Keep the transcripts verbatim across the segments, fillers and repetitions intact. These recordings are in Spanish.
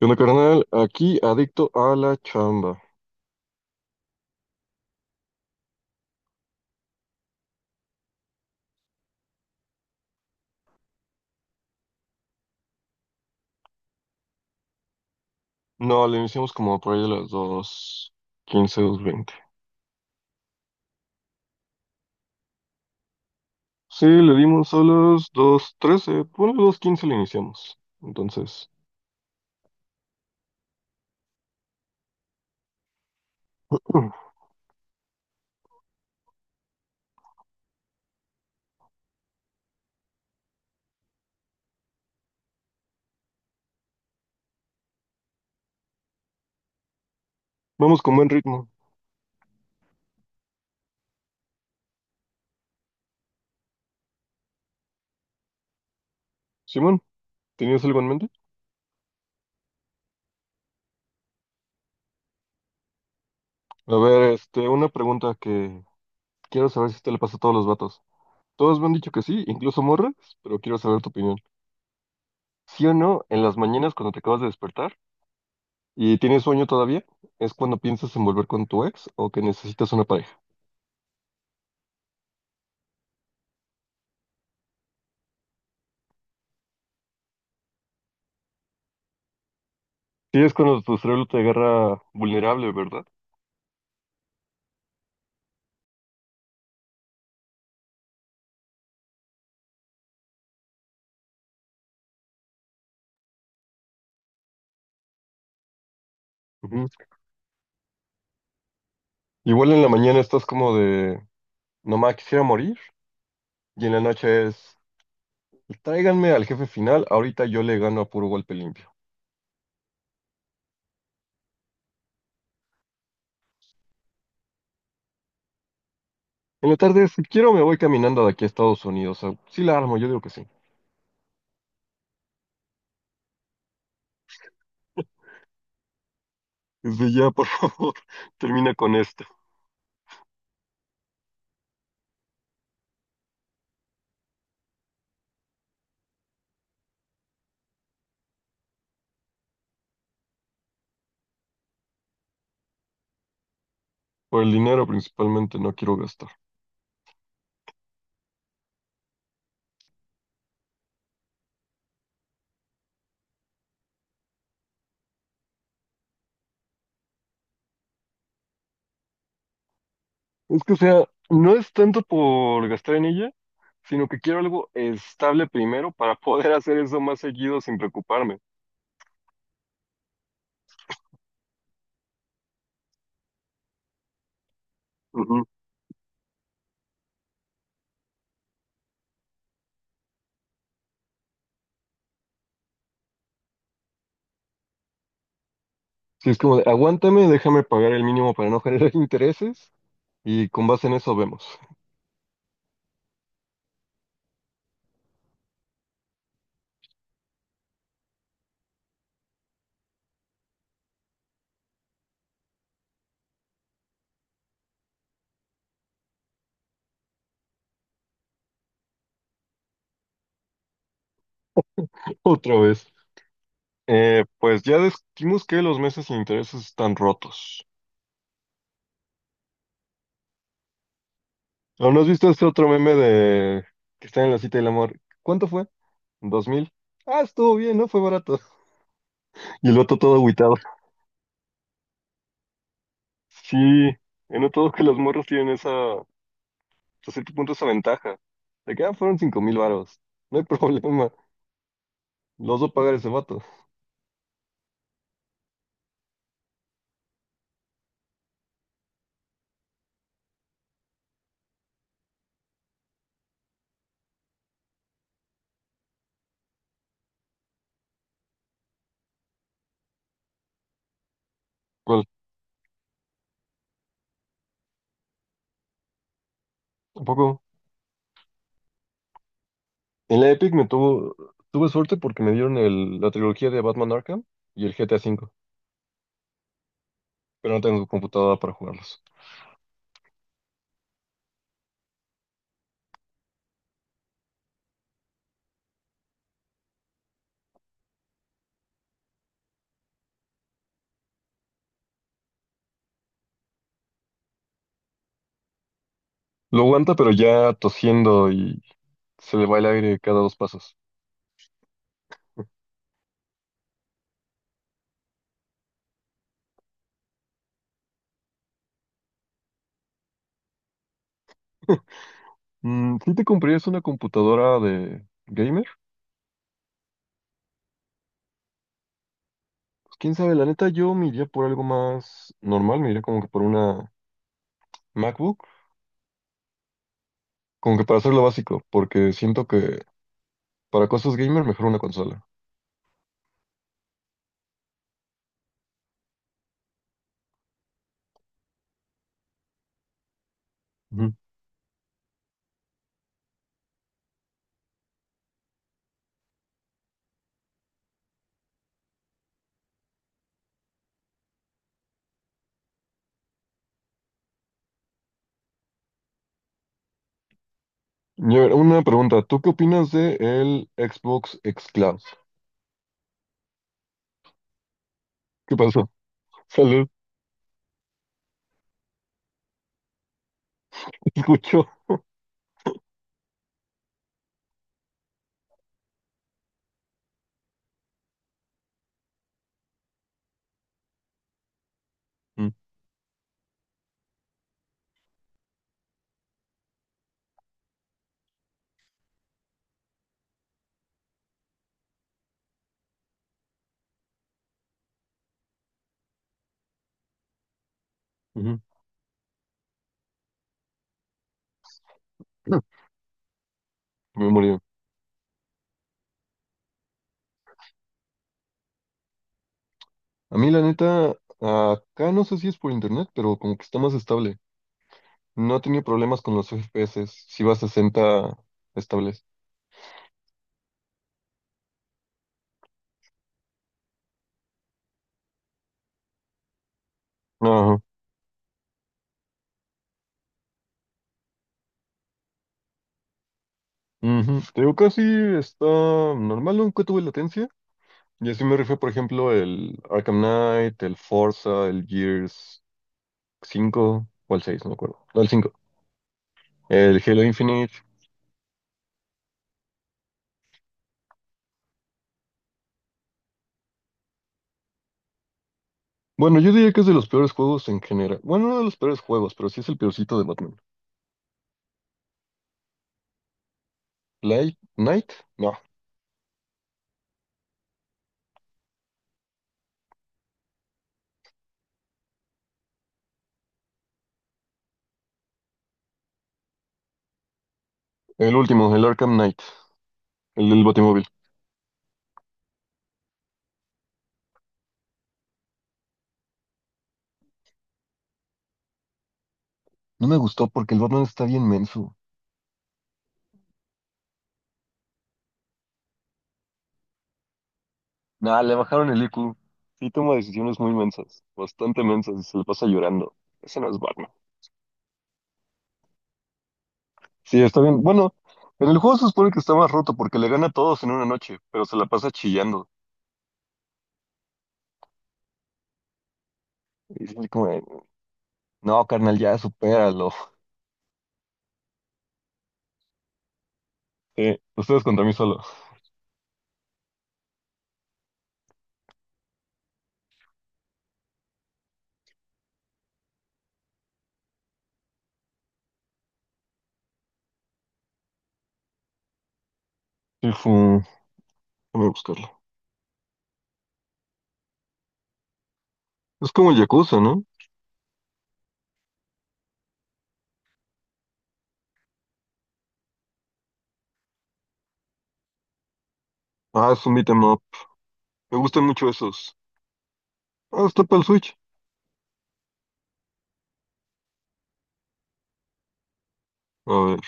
¿Qué onda, carnal? Aquí adicto a la chamba. No, le iniciamos como por ahí a las dos, quince, dos veinte. Sí, le dimos a las dos trece. Bueno, a las quince le iniciamos. Entonces, mm, vamos con buen ritmo. Simón, ¿tenías algo en mente? A ver, este, una pregunta que quiero saber si te le pasa a todos los vatos. Todos me han dicho que sí, incluso morras, pero quiero saber tu opinión. ¿Sí o no, en las mañanas cuando te acabas de despertar y tienes sueño todavía, es cuando piensas en volver con tu ex o que necesitas una pareja? Sí, es cuando tu cerebro te agarra vulnerable, ¿verdad? Ujú. Igual en la mañana estás como de, nomás quisiera morir, y en la noche es, tráiganme al jefe final, ahorita yo le gano a puro golpe limpio. En la tarde, si quiero, me voy caminando de aquí a Estados Unidos. O sea, sí la armo, yo digo que sí. Desde ya, por favor, termina con esto. Por el dinero principalmente no quiero gastar. Es que, o sea, no es tanto por gastar en ella, sino que quiero algo estable primero para poder hacer eso más seguido sin preocuparme. Sí, es como de, aguántame, déjame pagar el mínimo para no generar intereses y con base en eso vemos. Otra vez. Eh, pues ya descubrimos que los meses sin intereses están rotos. ¿O no has visto este otro meme de que está en la cita del amor? ¿Cuánto fue? ¿Dos mil? Ah, estuvo bien, ¿no? Fue barato. Y el otro todo agüitado. Sí, he notado que los morros tienen esa, hasta cierto punto, esa ventaja. De que, ah, fueron cinco mil varos. No hay problema. Los dos pagar ese vato. ¿Cuál? ¿Tampoco? En la Epic me tuvo, tuve suerte porque me dieron el- la trilogía de Batman Arkham y el G T A V, pero no tengo computadora para jugarlos. Lo aguanta, pero ya tosiendo y se le va el aire cada dos pasos. Mm, si te comprarías una computadora de gamer, pues quién sabe, la neta yo me iría por algo más normal, me iría como que por una MacBook, como que para hacer lo básico, porque siento que para cosas gamer mejor una consola. Ujú. Y a ver, una pregunta, ¿tú qué opinas de el Xbox Xcloud? ¿Qué pasó? Salud. Escuchó. Mm, ujú. Me morí. A mí, la neta, acá no sé si es por internet, pero como que está más estable. No he tenido problemas con los F P S. Si va a sesenta estables. Ajá. Ujú. Te digo, casi está normal, ¿no? Nunca tuve latencia. Y así me rifé, por ejemplo, el Arkham Knight, el Forza, el Gears cinco o el seis no me acuerdo. No, el cinco. El Halo Infinite. Bueno, yo diría que es de los peores juegos en general. Bueno, no de los peores juegos, pero sí es el peorcito de Batman. Light Knight, no, el último, el Arkham Knight, el del Batimóvil. No me gustó porque el Batman está bien menso. Nah, le bajaron el I Q. Sí toma decisiones muy mensas, bastante mensas, y se le pasa llorando. Ese no es Batman. Sí, está bien. Bueno, en el juego se supone que está más roto porque le gana a todos en una noche, pero se la pasa chillando. Y es así como, de, no, carnal, ya supéralo. Sí, ustedes contra mí solo. Sí, fue... Déjame buscarlo. Es como el Yakuza, ¿no? Ah, es un beat 'em up. Me gustan mucho esos. Ah, está para el Switch. A ver.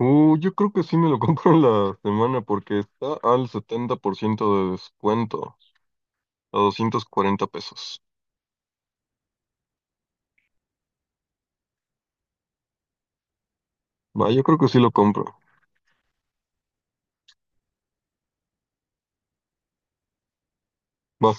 Uh, yo creo que sí me lo compro en la semana porque está al setenta por ciento de descuento, a doscientos cuarenta pesos. Va, yo creo que sí lo compro. Va.